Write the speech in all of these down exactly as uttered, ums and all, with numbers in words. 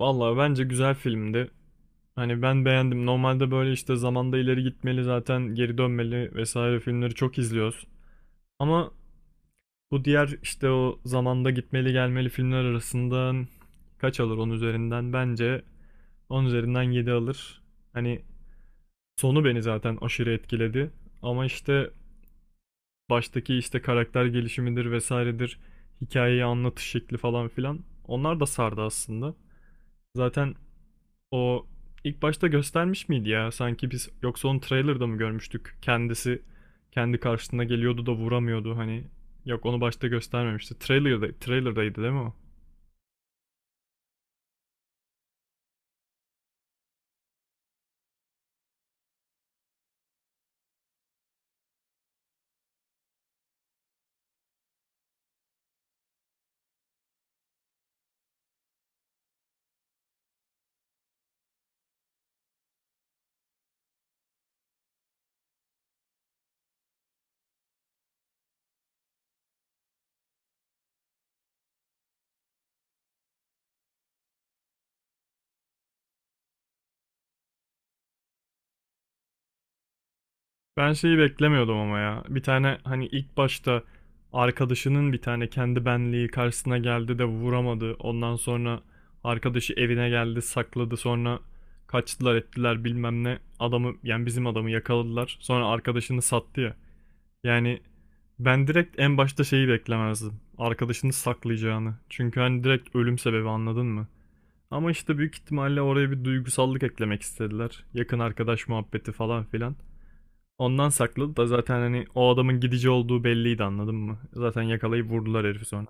Vallahi bence güzel filmdi. Hani ben beğendim. Normalde böyle işte zamanda ileri gitmeli, zaten geri dönmeli vesaire filmleri çok izliyoruz. Ama bu diğer işte o zamanda gitmeli gelmeli filmler arasından kaç alır on üzerinden? Bence on üzerinden yedi alır. Hani sonu beni zaten aşırı etkiledi. Ama işte baştaki işte karakter gelişimidir vesairedir. Hikayeyi anlatış şekli falan filan. Onlar da sardı aslında. Zaten o ilk başta göstermiş miydi ya? Sanki biz yoksa onu trailer'da mı görmüştük? Kendisi kendi karşısına geliyordu da vuramıyordu hani. Yok, onu başta göstermemişti. Trailer'da, trailer'daydı değil mi o? Ben şeyi beklemiyordum ama ya. Bir tane hani ilk başta arkadaşının bir tane kendi benliği karşısına geldi de vuramadı. Ondan sonra arkadaşı evine geldi, sakladı. Sonra kaçtılar ettiler bilmem ne. Adamı, yani bizim adamı, yakaladılar. Sonra arkadaşını sattı ya. Yani ben direkt en başta şeyi beklemezdim. Arkadaşını saklayacağını. Çünkü hani direkt ölüm sebebi, anladın mı? Ama işte büyük ihtimalle oraya bir duygusallık eklemek istediler. Yakın arkadaş muhabbeti falan filan. Ondan sakladı da zaten hani o adamın gidici olduğu belliydi, anladın mı? Zaten yakalayıp vurdular herifi sonra.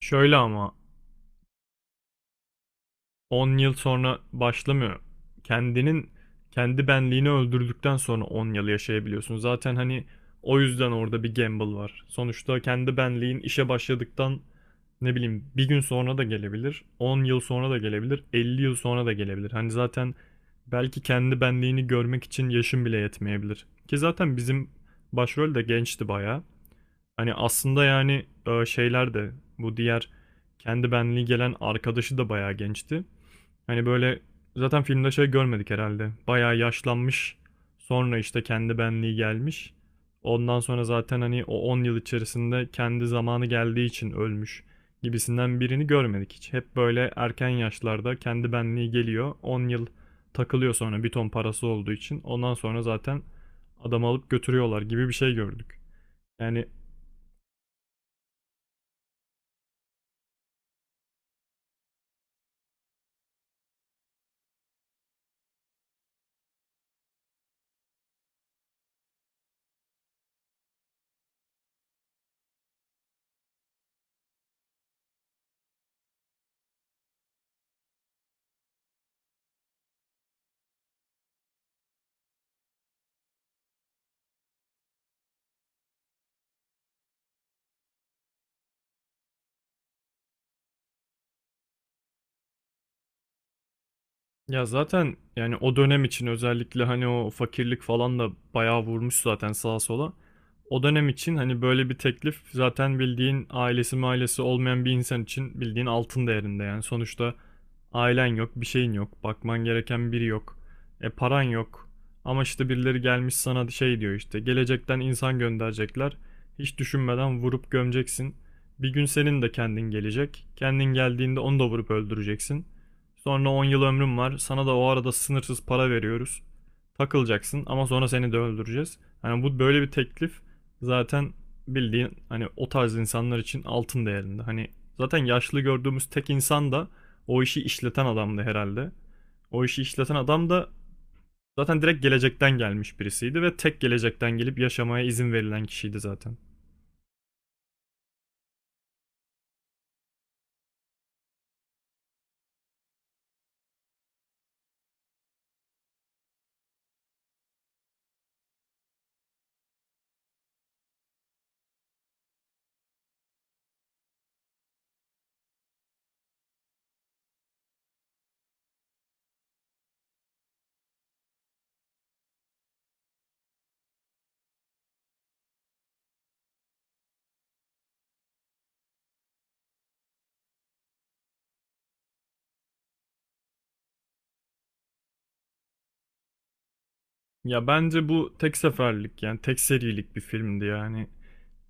Şöyle ama on yıl sonra başlamıyor. Kendinin kendi benliğini öldürdükten sonra on yıl yaşayabiliyorsun. Zaten hani o yüzden orada bir gamble var. Sonuçta kendi benliğin işe başladıktan ne bileyim bir gün sonra da gelebilir, on yıl sonra da gelebilir, elli yıl sonra da gelebilir. Hani zaten belki kendi benliğini görmek için yaşın bile yetmeyebilir. Ki zaten bizim başrol de gençti bayağı. Hani aslında yani e, şeyler de bu diğer kendi benliği gelen arkadaşı da bayağı gençti. Hani böyle zaten filmde şey görmedik herhalde. Bayağı yaşlanmış. Sonra işte kendi benliği gelmiş. Ondan sonra zaten hani o on yıl içerisinde kendi zamanı geldiği için ölmüş gibisinden birini görmedik hiç. Hep böyle erken yaşlarda kendi benliği geliyor. On yıl takılıyor sonra, bir ton parası olduğu için. Ondan sonra zaten adamı alıp götürüyorlar gibi bir şey gördük. Yani, ya zaten yani o dönem için özellikle hani o fakirlik falan da bayağı vurmuş zaten sağa sola. O dönem için hani böyle bir teklif zaten, bildiğin ailesi mailesi olmayan bir insan için, bildiğin altın değerinde yani. Sonuçta ailen yok, bir şeyin yok, bakman gereken biri yok. E paran yok. Ama işte birileri gelmiş sana şey diyor işte: gelecekten insan gönderecekler. Hiç düşünmeden vurup gömeceksin. Bir gün senin de kendin gelecek. Kendin geldiğinde onu da vurup öldüreceksin. Sonra on yıl ömrüm var. Sana da o arada sınırsız para veriyoruz. Takılacaksın ama sonra seni de öldüreceğiz. Hani bu böyle bir teklif zaten bildiğin hani o tarz insanlar için altın değerinde. Hani zaten yaşlı gördüğümüz tek insan da o işi işleten adamdı herhalde. O işi işleten adam da zaten direkt gelecekten gelmiş birisiydi ve tek gelecekten gelip yaşamaya izin verilen kişiydi zaten. Ya bence bu tek seferlik, yani tek serilik bir filmdi yani.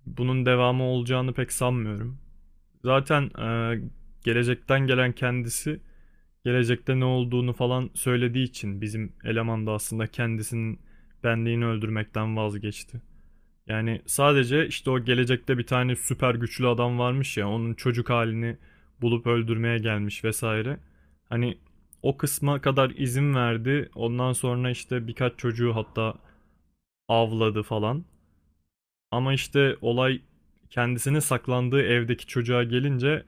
Bunun devamı olacağını pek sanmıyorum. Zaten e, gelecekten gelen kendisi gelecekte ne olduğunu falan söylediği için bizim eleman da aslında kendisinin benliğini öldürmekten vazgeçti. Yani sadece işte o gelecekte bir tane süper güçlü adam varmış ya, onun çocuk halini bulup öldürmeye gelmiş vesaire. Hani o kısma kadar izin verdi. Ondan sonra işte birkaç çocuğu hatta avladı falan. Ama işte olay kendisine saklandığı evdeki çocuğa gelince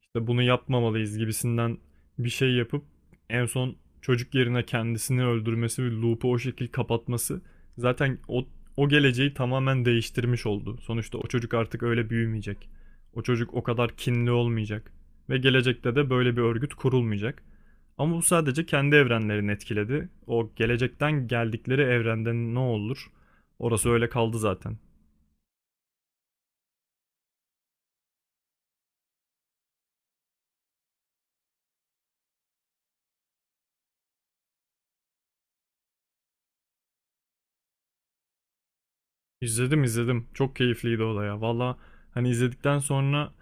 işte bunu yapmamalıyız gibisinden bir şey yapıp en son çocuk yerine kendisini öldürmesi ve loop'u o şekil kapatması zaten o, o geleceği tamamen değiştirmiş oldu. Sonuçta o çocuk artık öyle büyümeyecek. O çocuk o kadar kinli olmayacak ve gelecekte de böyle bir örgüt kurulmayacak. Ama bu sadece kendi evrenlerini etkiledi. O gelecekten geldikleri evrende ne olur? Orası öyle kaldı zaten. İzledim, izledim. Çok keyifliydi o da ya. Valla hani izledikten sonra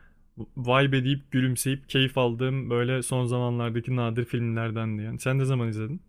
vay be deyip gülümseyip keyif aldığım böyle son zamanlardaki nadir filmlerdendi yani. Sen ne zaman izledin?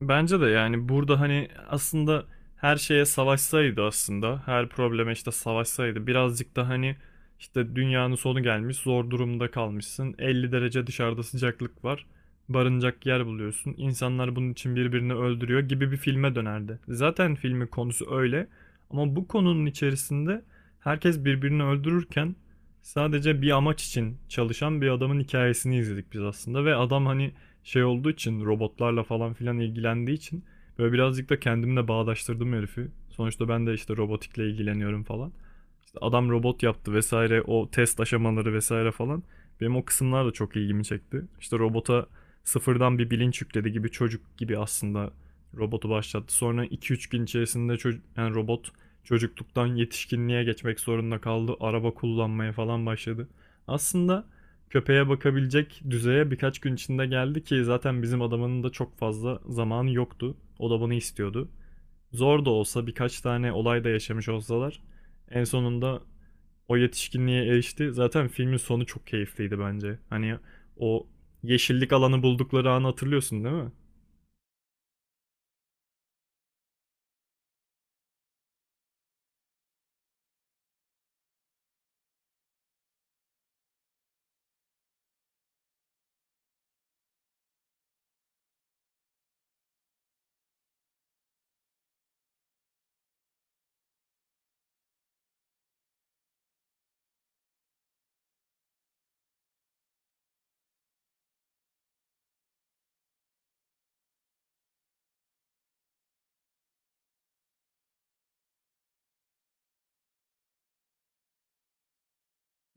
Bence de yani burada hani aslında her şeye savaşsaydı, aslında her probleme işte savaşsaydı, birazcık da hani işte dünyanın sonu gelmiş, zor durumda kalmışsın, elli derece dışarıda sıcaklık var, barınacak yer buluyorsun, insanlar bunun için birbirini öldürüyor gibi bir filme dönerdi. Zaten filmin konusu öyle ama bu konunun içerisinde herkes birbirini öldürürken sadece bir amaç için çalışan bir adamın hikayesini izledik biz aslında ve adam hani şey olduğu için, robotlarla falan filan ilgilendiği için böyle birazcık da kendimle bağdaştırdım herifi. Sonuçta ben de işte robotikle ilgileniyorum falan. İşte adam robot yaptı vesaire, o test aşamaları vesaire falan. Benim o kısımlar da çok ilgimi çekti. İşte robota sıfırdan bir bilinç yükledi, gibi çocuk gibi aslında robotu başlattı. Sonra iki üç gün içerisinde ço- yani robot çocukluktan yetişkinliğe geçmek zorunda kaldı. Araba kullanmaya falan başladı. Aslında köpeğe bakabilecek düzeye birkaç gün içinde geldi ki zaten bizim adamının da çok fazla zamanı yoktu. O da bunu istiyordu. Zor da olsa birkaç tane olay da yaşamış olsalar en sonunda o yetişkinliğe erişti. Zaten filmin sonu çok keyifliydi bence. Hani o yeşillik alanı buldukları anı hatırlıyorsun değil mi?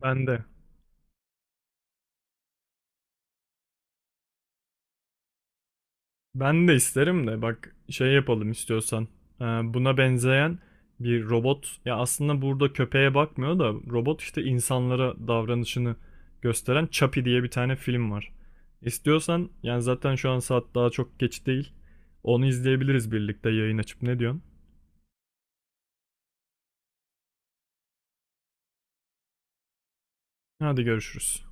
Ben de. Ben de isterim de bak şey yapalım istiyorsan. Ee, Buna benzeyen bir robot, ya aslında burada köpeğe bakmıyor da robot işte insanlara davranışını gösteren, Chappie diye bir tane film var. İstiyorsan yani zaten şu an saat daha çok geç değil. Onu izleyebiliriz birlikte, yayın açıp. Ne diyorsun? Hadi görüşürüz.